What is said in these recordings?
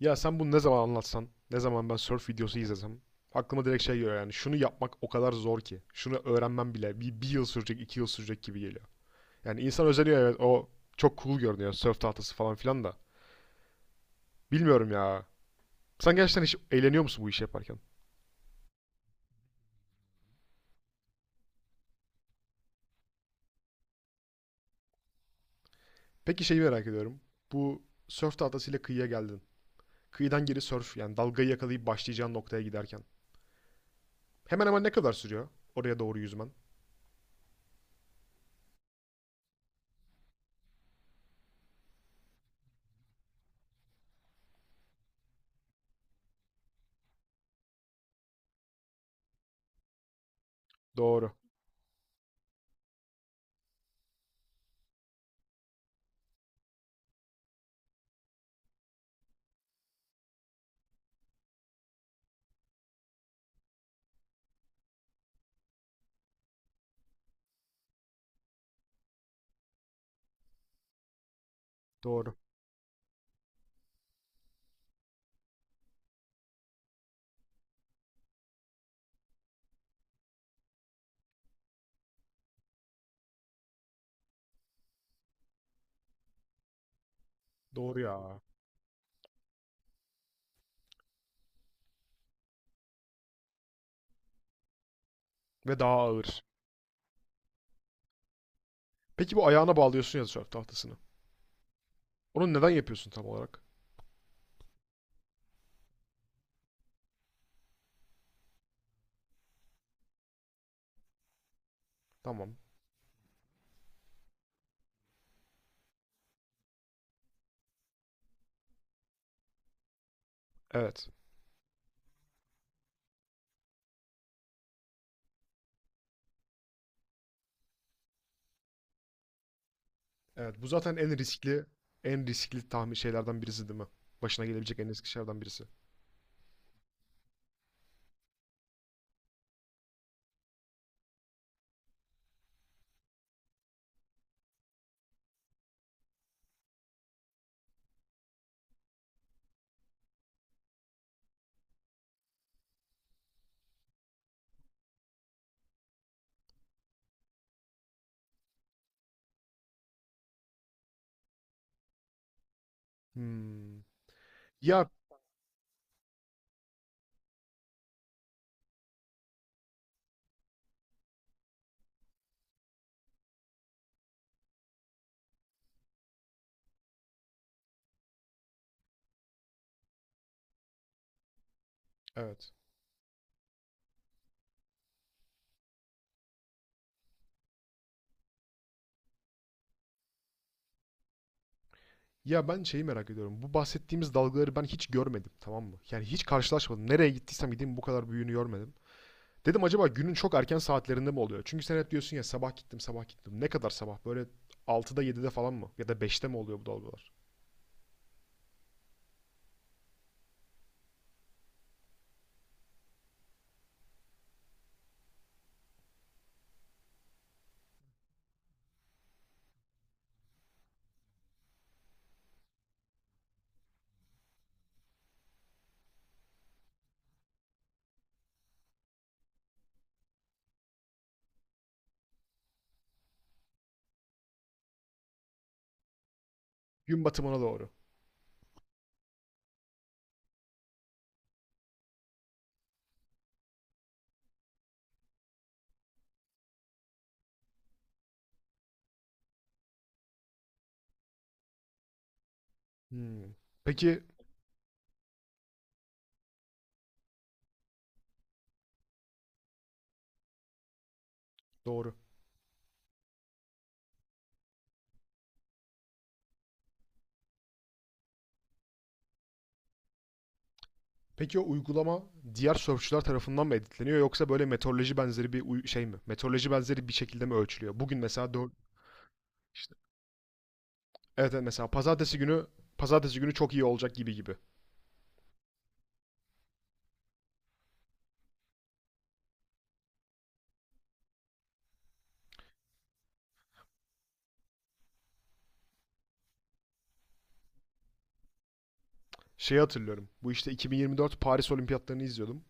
Ya sen bunu ne zaman anlatsan, ne zaman ben surf videosu izlesem, aklıma direkt şey geliyor yani şunu yapmak o kadar zor ki. Şunu öğrenmem bile bir yıl sürecek, 2 yıl sürecek gibi geliyor. Yani insan özeniyor, evet, o çok cool görünüyor, surf tahtası falan filan da. Bilmiyorum ya. Sen gerçekten hiç eğleniyor musun bu işi yaparken? Peki şeyi merak ediyorum. Bu surf tahtasıyla kıyıya geldin. Kıyıdan geri surf yani dalgayı yakalayıp başlayacağın noktaya giderken. Hemen hemen ne kadar sürüyor oraya doğru yüzmen? Doğru. Doğru. Doğru ya. Ve daha ağır. Peki bu ayağına bağlıyorsun ya surf tahtasını. Onu neden yapıyorsun tam olarak? Tamam. Evet. Evet. Bu zaten en riskli, en riskli tahmin şeylerden birisi değil mi? Başına gelebilecek en riskli şeylerden birisi. Hmm. Ya evet. Ya ben şeyi merak ediyorum. Bu bahsettiğimiz dalgaları ben hiç görmedim, tamam mı? Yani hiç karşılaşmadım. Nereye gittiysem gideyim bu kadar büyüğünü görmedim. Dedim acaba günün çok erken saatlerinde mi oluyor? Çünkü sen hep diyorsun ya sabah gittim, sabah gittim. Ne kadar sabah? Böyle 6'da, 7'de falan mı? Ya da 5'te mi oluyor bu dalgalar? Gün batımına doğru. Hmm. Peki. Doğru. Peki o uygulama diğer surfçular tarafından mı editleniyor yoksa böyle meteoroloji benzeri bir şey mi? Meteoroloji benzeri bir şekilde mi ölçülüyor? Bugün mesela işte evet, evet mesela pazartesi günü çok iyi olacak gibi gibi. Şeyi hatırlıyorum. Bu işte 2024 Paris Olimpiyatlarını izliyordum.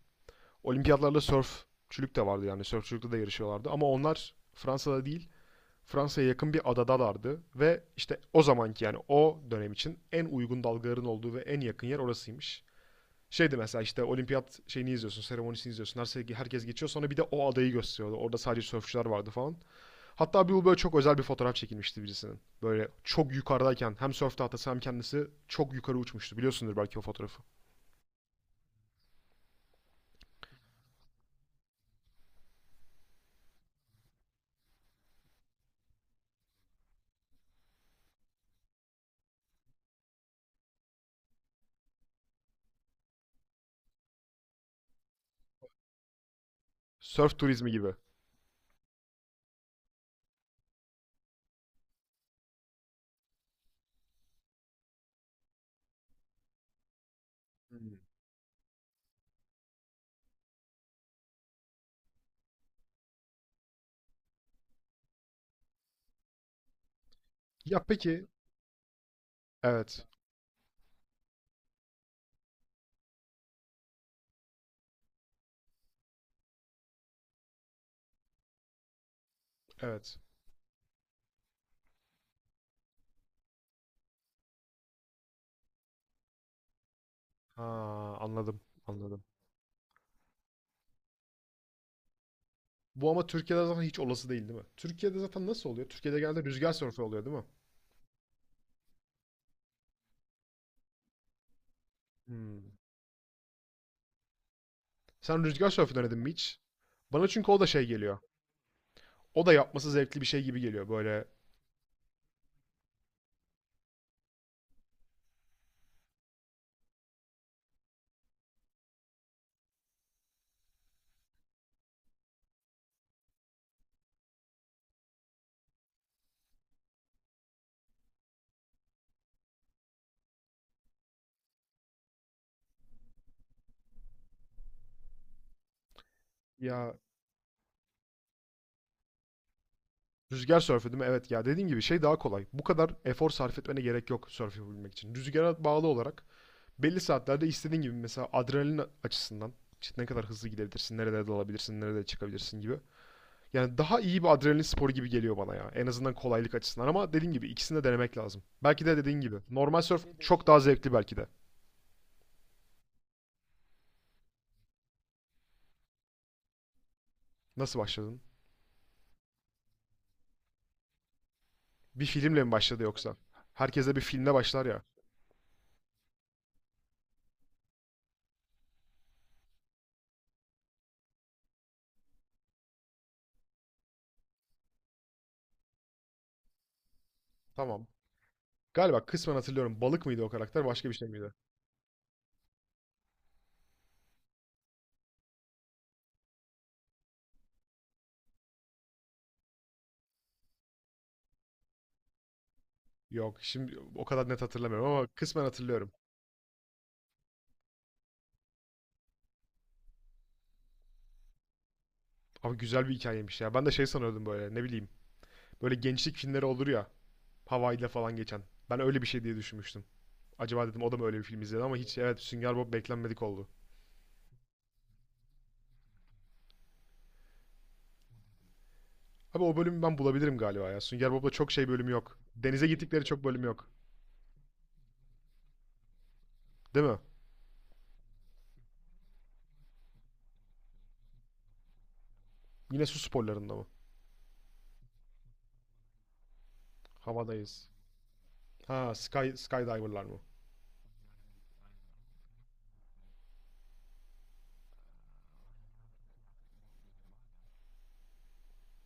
Olimpiyatlarla sörfçülük de vardı yani sörfçülükte de yarışıyorlardı ama onlar Fransa'da değil, Fransa'ya yakın bir adadalardı ve işte o zamanki yani o dönem için en uygun dalgaların olduğu ve en yakın yer orasıymış. Şeydi mesela işte olimpiyat şeyini izliyorsun, seremonisini izliyorsun. Herkes geçiyor. Sonra bir de o adayı gösteriyordu. Orada sadece sörfçüler vardı falan. Hatta bir bu böyle çok özel bir fotoğraf çekilmişti birisinin. Böyle çok yukarıdayken hem sörf tahtası hem kendisi çok yukarı uçmuştu. Biliyorsundur belki o fotoğrafı. Sörf turizmi gibi. Hmm. Ya peki. Evet. Evet. Ha, anladım. Anladım. Bu ama Türkiye'de zaten hiç olası değil değil mi? Türkiye'de zaten nasıl oluyor? Türkiye'de genelde rüzgar sörfü oluyor değil mi? Hmm. Sen rüzgar sörfü denedin mi hiç? Bana çünkü o da şey geliyor. O da yapması zevkli bir şey gibi geliyor böyle. Ya rüzgar sörfü değil mi? Evet ya dediğin gibi şey daha kolay. Bu kadar efor sarf etmene gerek yok sörf yapabilmek için. Rüzgara bağlı olarak belli saatlerde istediğin gibi mesela adrenalin açısından, işte ne kadar hızlı gidebilirsin, nerelere dalabilirsin, nerede çıkabilirsin gibi. Yani daha iyi bir adrenalin sporu gibi geliyor bana ya. En azından kolaylık açısından ama dediğim gibi ikisini de denemek lazım. Belki de dediğin gibi. Normal surf çok daha zevkli belki de. Nasıl başladın? Bir filmle mi başladı yoksa? Herkese bir filmle başlar ya. Tamam. Galiba kısmen hatırlıyorum. Balık mıydı o karakter, başka bir şey miydi? Yok, şimdi o kadar net hatırlamıyorum ama kısmen hatırlıyorum. Abi güzel bir hikayeymiş ya. Ben de şey sanıyordum böyle, ne bileyim. Böyle gençlik filmleri olur ya, Hawaii'de falan geçen. Ben öyle bir şey diye düşünmüştüm. Acaba dedim o da mı öyle bir film izledi ama hiç, evet, Sünger Bob beklenmedik oldu. Abi o bölümü ben bulabilirim galiba ya. Sünger Bob'da çok şey bölümü yok. Denize gittikleri çok bölüm yok. Değil mi? Yine su sporlarında mı? Havadayız. Ha, skydiver'lar mı?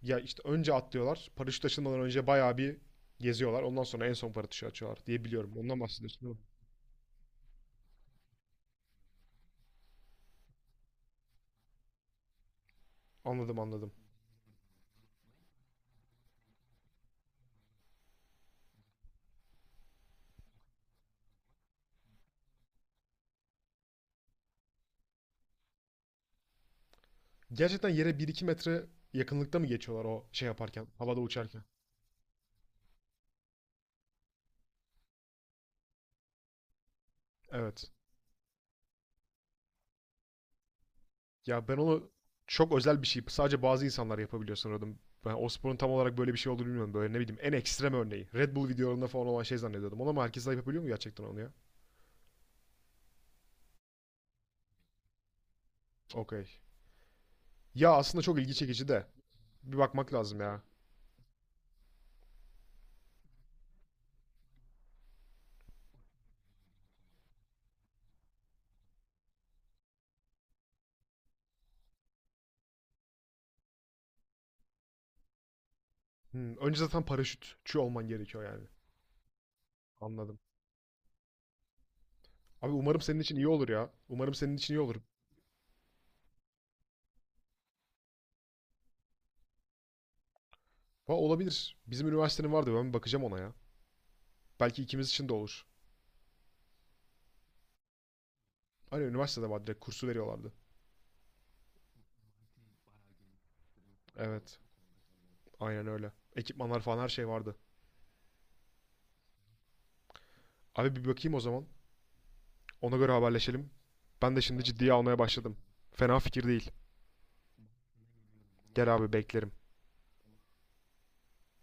Ya işte önce atlıyorlar. Paraşüt açılmadan önce bayağı bir geziyorlar. Ondan sonra en son paraşütü açıyorlar diye biliyorum. Ondan bahsediyorsun değil mi? Anladım, anladım. Gerçekten yere bir iki metre yakınlıkta mı geçiyorlar o şey yaparken, havada uçarken? Evet. Ya ben onu çok özel bir şey. Sadece bazı insanlar yapabiliyor sanıyordum. Ben o sporun tam olarak böyle bir şey olduğunu bilmiyorum. Böyle ne bileyim en ekstrem örneği. Red Bull videolarında falan olan şey zannediyordum. Onu ama herkes de yapabiliyor mu gerçekten onu ya? Okey. Ya aslında çok ilgi çekici de. Bir bakmak lazım ya. Hmm, önce zaten paraşütçü olman gerekiyor yani. Anladım. Abi umarım senin için iyi olur ya. Umarım senin için iyi olur. Ha, olabilir. Bizim üniversitenin vardı. Ben bir bakacağım ona ya. Belki ikimiz için de olur. Hani üniversitede var, direkt kursu veriyorlardı. Evet. Aynen öyle. Ekipmanlar falan her şey vardı. Abi bir bakayım o zaman. Ona göre haberleşelim. Ben de şimdi ciddiye almaya başladım. Fena fikir değil. Gel abi beklerim.